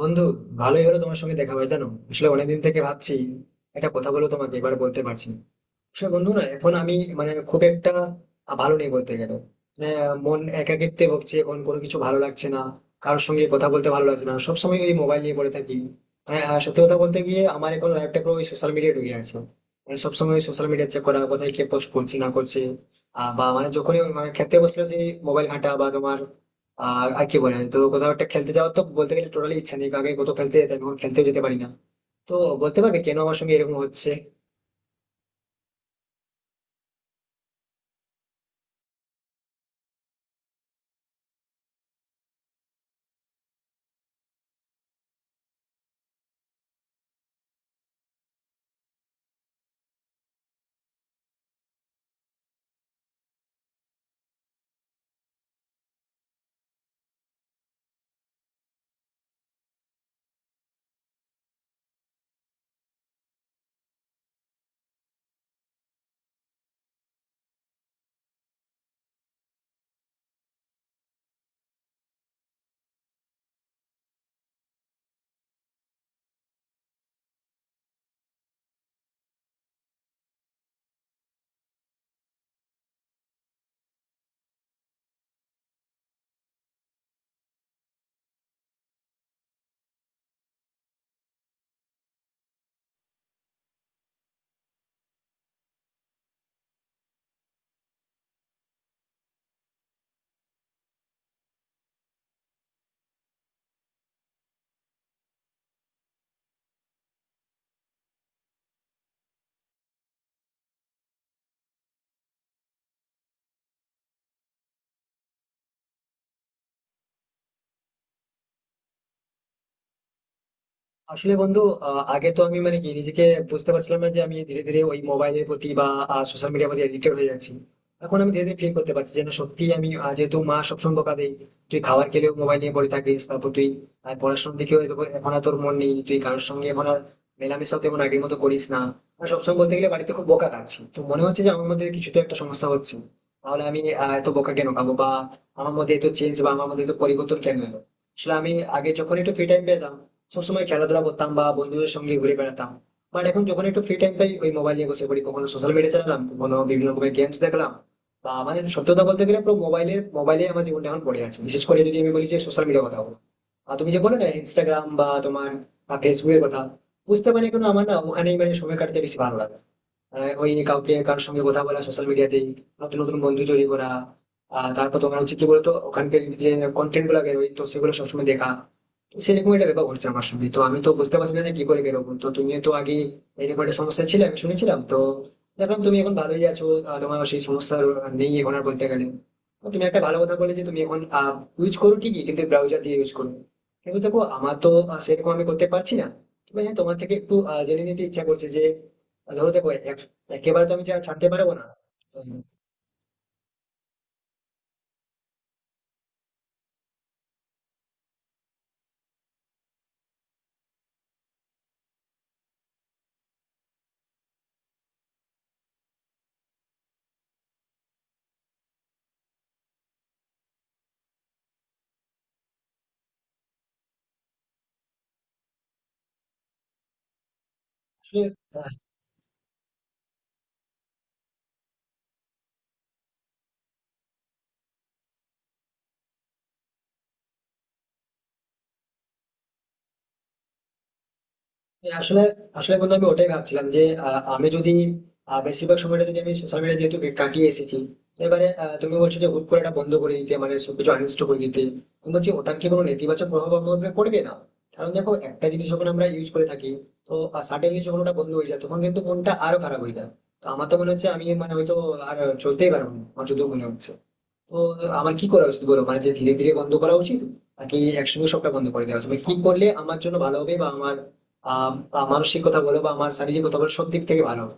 বন্ধু, ভালোই হলো তোমার সঙ্গে দেখা হয়, জানো। আসলে অনেকদিন থেকে ভাবছি একটা কথা বলবো তোমাকে, এবার বলতে পারছি না। আসলে বন্ধু না, এখন আমি মানে খুব একটা ভালো নেই বলতে গেলে। মানে মন একাকিত্বে ভুগছে, এখন কোনো কিছু ভালো লাগছে না। কারোর সঙ্গে কথা বলতে ভালো লাগছে না, সবসময় ওই মোবাইল নিয়ে পড়ে থাকি। মানে সত্যি কথা বলতে গিয়ে আমার এখন লাইফটা পুরো ওই সোশ্যাল মিডিয়ায় ঢুকে আছে। মানে সবসময় ওই সোশ্যাল মিডিয়া চেক করা, কোথায় কে পোস্ট করছে না করছে। বা মানে যখনই ওই মানে খেতে বসলে সেই মোবাইল ঘাঁটা বা তোমার আর কি বলে, তো কোথাও একটা খেলতে যাওয়ার তো বলতে গেলে টোটালি ইচ্ছা নেই, আগে কত খেলতে যেতাম, এখন খেলতেও যেতে পারি না। তো বলতে পারবে কেন আমার সঙ্গে এরকম হচ্ছে? আসলে বন্ধু, আগে তো আমি মানে কি নিজেকে বুঝতে পারছিলাম না যে আমি ধীরে ধীরে ওই মোবাইলের প্রতি বা সোশ্যাল মিডিয়ার প্রতি এডিক্টেড হয়ে যাচ্ছি। এখন আমি ধীরে ধীরে ফিল করতে পারছি যেন সত্যি আমি, যেহেতু মা সবসময় বকা দেয়, তুই খাবার খেলেও মোবাইল নিয়ে পড়ে থাকিস, তারপর তুই পড়াশোনার দিকেও এখন আর তোর মন নেই, তুই কারোর সঙ্গে এখন আর মেলামেশাও তেমন আগের মতো করিস না। আর সবসময় বলতে গেলে বাড়িতে খুব বকা খাচ্ছি, তো মনে হচ্ছে যে আমার মধ্যে কিছু তো একটা সমস্যা হচ্ছে। তাহলে আমি এত বকা কেন খাবো, বা আমার মধ্যে এত চেঞ্জ বা আমার মধ্যে এত পরিবর্তন কেন এলো? আসলে আমি আগে যখন একটু ফ্রি টাইম পেতাম সবসময় খেলাধুলা করতাম বা বন্ধুদের সঙ্গে ঘুরে বেড়াতাম। বাট এখন যখন একটু ফ্রি টাইম পাই ওই মোবাইল নিয়ে বসে পড়ি, কখনো সোশ্যাল মিডিয়া চালালাম, কখনো বিভিন্ন রকমের গেমস দেখলাম। বা আমাদের সত্যি কথা বলতে গেলে পুরো মোবাইলে আমার জীবনটা এখন পড়ে আছে, বিশেষ করে যদি আমি বলি যে সোশ্যাল মিডিয়া কথা বলো আর তুমি যে বলে না ইনস্টাগ্রাম বা তোমার ফেসবুকের কথা বুঝতে পারি, কিন্তু আমার না ওখানেই মানে সময় কাটাতে বেশি ভালো লাগে। ওই কাউকে কারোর সঙ্গে কথা বলা সোশ্যাল মিডিয়াতেই, নতুন নতুন বন্ধু তৈরি করা। আর তারপর তোমার হচ্ছে কি বলতো, ওখানকার যে কন্টেন্ট গুলো বেরোয় তো সেগুলো সবসময় দেখা। সেরকম একটা ব্যাপার ঘটছে আমার সঙ্গে, তো আমি তো বুঝতে পারছি না যে কি করে বেরোবো। তো তুমি তো আগে এরকম একটা সমস্যা ছিল আমি শুনেছিলাম, তো দেখলাম তুমি এখন ভালোই আছো, তোমার সেই সমস্যা নেই এখন আর বলতে গেলে। তো তুমি একটা ভালো কথা বলে যে তুমি এখন ইউজ করো ঠিকই, কিন্তু ব্রাউজার দিয়ে ইউজ করো। কিন্তু দেখো, আমার তো সেরকম আমি করতে পারছি না। তবে হ্যাঁ, তোমার থেকে একটু জেনে নিতে ইচ্ছা করছে যে ধরো দেখো একেবারে তো আমি যা ছাড়তে পারবো না। উম। আসলে। আহ, হ্যাঁ। আসলে আসলে বন্ধু, আমি ওটাই ভাবছিলাম যে আমি যদি বেশিরভাগ সময়টা যদি আমি সোশ্যাল মিডিয়া যেহেতু কাটিয়ে এসেছি, তো এবারে তুমি বলছো যে হুট করে এটা বন্ধ করে দিতে, মানে সবকিছু আনইনস্টল করে দিতে। আমি বলছি, ওটার কি কোনো নেতিবাচক প্রভাব আমার উপরে পড়বে না? কারণ দেখো, একটা জিনিস যখন আমরা ইউজ করে থাকি, তো সাডেনলি যখন ওটা বন্ধ হয়ে যায় তখন কিন্তু মনটা আরো খারাপ হয়ে যায়। তো আমার তো মনে হচ্ছে আমি মানে হয়তো আর চলতেই পারবো না, আমার যদিও মনে হচ্ছে। তো আমার কি করা উচিত বলো, মানে যে ধীরে ধীরে বন্ধ করা উচিত নাকি একসঙ্গে সবটা বন্ধ করে দেওয়া উচিত, মানে কি করলে আমার জন্য ভালো হবে বা আমার বা মানসিক কথা বলো বা আমার শারীরিক কথা বলো, সব দিক থেকে ভালো হবে?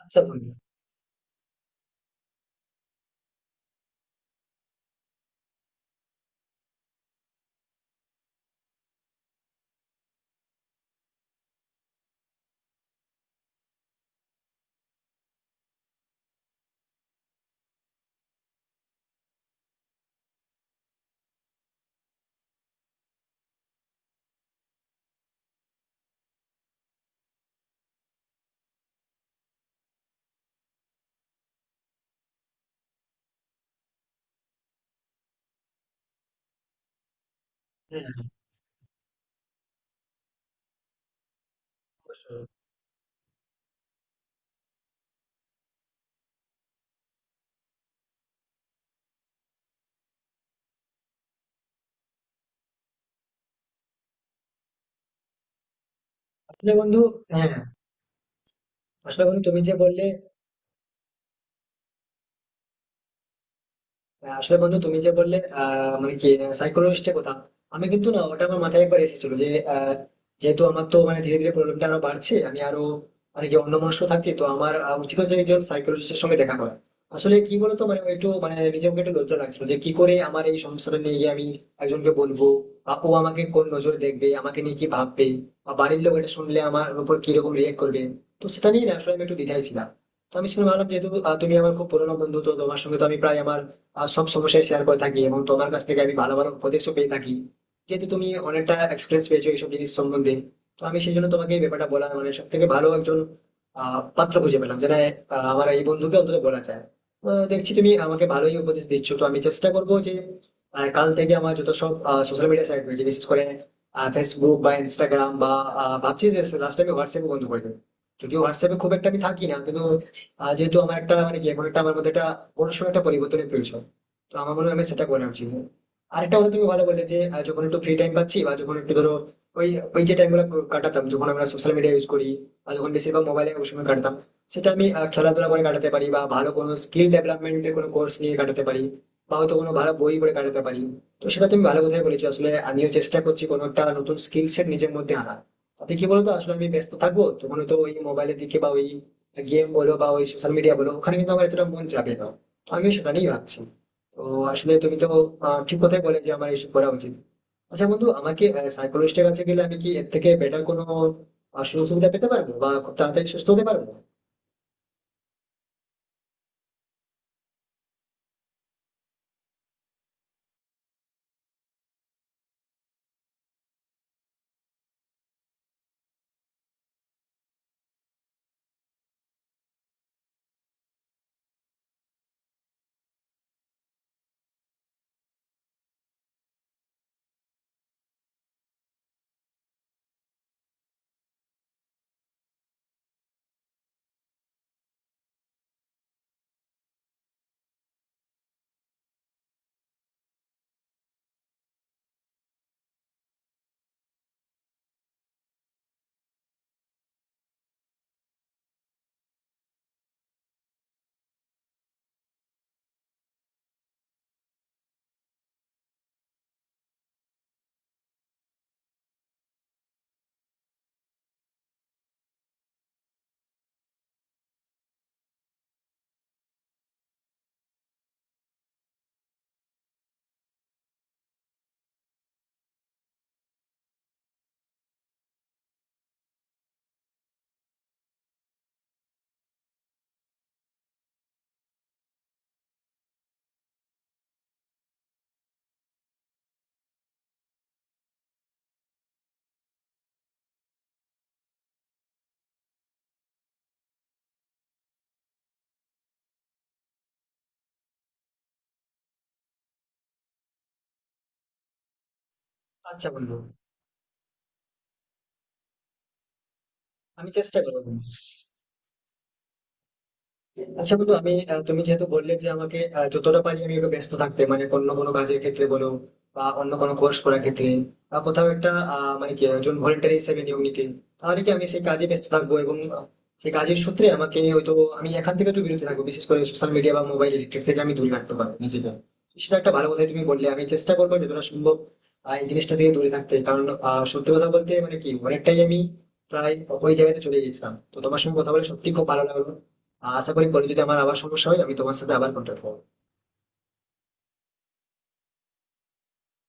আচ্ছা বন্ধু। হ্যাঁ। অবশ্যই। আসলে বন্ধু। হ্যাঁ। আসলে বন্ধু তুমি যে বললে আসলে বন্ধু, তুমি যে বললে মানে কি সাইকোলজিস্টের কথা, আমি কিন্তু না ওটা আমার মাথায় একবার এসেছিল যে আহ, যেহেতু আমার তো মানে ধীরে ধীরে প্রবলেমটা আরো বাড়ছে, আমি আরো মানে কি অন্যমনস্ক থাকছি, তো আমার উচিত হচ্ছে একজন সাইকোলজিস্টের সঙ্গে দেখা করা। আসলে কি বলতো, মানে একটু মানে নিজেকে একটু লজ্জা লাগছিল যে কি করে আমার এই সমস্যাটা নিয়ে গিয়ে আমি একজনকে বলবো, বা ও আমাকে কোন নজরে দেখবে, আমাকে নিয়ে কি ভাববে, বা বাড়ির লোক এটা শুনলে আমার উপর কিরকম রিয়েক্ট করবে। তো সেটা নিয়ে না আসলে আমি একটু দ্বিধায় ছিলাম। তো আমি শুনে ভাবলাম যেহেতু তুমি আমার খুব পুরোনো বন্ধু, তো তোমার সঙ্গে তো আমি প্রায় আমার সব সমস্যায় শেয়ার করে থাকি এবং তোমার কাছ থেকে আমি ভালো ভালো উপদেশও পেয়ে থাকি, যেহেতু তুমি অনেকটা এক্সপিরিয়েন্স পেয়েছো এইসব জিনিস সম্বন্ধে। তো আমি সেই জন্য তোমাকে এই ব্যাপারটা বলা, মানে সব থেকে ভালো একজন পাত্র খুঁজে পেলাম, যেটা আমার এই বন্ধুকে অন্তত বলা যায়। দেখছি তুমি আমাকে ভালোই উপদেশ দিচ্ছ, তো আমি চেষ্টা করবো যে কাল থেকে আমার যত সব সোশ্যাল মিডিয়া সাইট রয়েছে বিশেষ করে ফেসবুক বা ইনস্টাগ্রাম বা ভাবছি যে লাস্ট আমি হোয়াটসঅ্যাপে বন্ধ করে দেবো। যদিও হোয়াটসঅ্যাপে খুব একটা আমি থাকি না, কিন্তু যেহেতু আমার একটা মানে কি এখন একটা আমার মধ্যে একটা বড়সড় একটা পরিবর্তনের প্রয়োজন, তো আমার মনে হয় আমি সেটা করা উচিত। আরেকটা কথা তুমি ভালো বললে যে যখন একটু ফ্রি টাইম পাচ্ছি বা যখন একটু ধরো ওই ওই যে টাইম গুলো কাটাতাম যখন আমরা সোশ্যাল মিডিয়া ইউজ করি বা যখন বেশিরভাগ মোবাইলে ওই সময় কাটাতাম, সেটা আমি খেলাধুলা করে কাটাতে পারি বা ভালো কোনো স্কিল ডেভেলপমেন্টের কোনো কোর্স নিয়ে কাটাতে পারি বা হয়তো কোনো ভালো বই পড়ে কাটাতে পারি। তো সেটা তুমি ভালো কথাই বলেছো, আসলে আমিও চেষ্টা করছি কোনো একটা নতুন স্কিল সেট নিজের মধ্যে আনা। তাতে কি বলতো, আসলে আমি ব্যস্ত থাকবো তখন তো ওই মোবাইলের দিকে বা ওই গেম বলো বা ওই সোশ্যাল মিডিয়া বলো ওখানে কিন্তু আমার এতটা মন যাবে না। তো আমিও সেটা নিয়েই ভাবছি। তো আসলে তুমি তো ঠিক কথাই বলে যে আমার এইসব করা উচিত। আচ্ছা বন্ধু, আমাকে সাইকোলজিস্টের কাছে গেলে আমি কি এর থেকে বেটার কোনো সুযোগ সুবিধা পেতে পারবো বা খুব তাড়াতাড়ি সুস্থ হতে পারবো? আচ্ছা বন্ধু। আমি চেষ্টা করবো। আচ্ছা বন্ধু, আমি তুমি যেহেতু বললে যে আমাকে যতটা পারি আমি একটু ব্যস্ত থাকতে, মানে অন্য কোনো কাজের ক্ষেত্রে বলো বা অন্য কোনো কোর্স করার ক্ষেত্রে বা কোথাও একটা মানে কি একজন ভলেন্টারি হিসেবে নিয়োগ নিতে, তাহলে কি আমি সেই কাজে ব্যস্ত থাকবো এবং সেই কাজের সূত্রে আমাকে হয়তো আমি এখান থেকে একটু বিরত থাকবো, বিশেষ করে সোশ্যাল মিডিয়া বা মোবাইল ইলেকট্রিক থেকে আমি দূরে রাখতে পারবো নিজেকে। সেটা একটা ভালো কথাই তুমি বললে, আমি চেষ্টা করবো যতটা সম্ভব এই জিনিসটা থেকে দূরে থাকতে, কারণ সত্যি কথা বলতে মানে কি অনেকটাই আমি প্রায় ওই জায়গাতে চলে গেছিলাম। তো তোমার সঙ্গে কথা বলে সত্যি খুব ভালো লাগলো। আশা করি পরে যদি আমার আবার সমস্যা হয় আমি তোমার সাথে আবার কন্ট্যাক্ট করবো।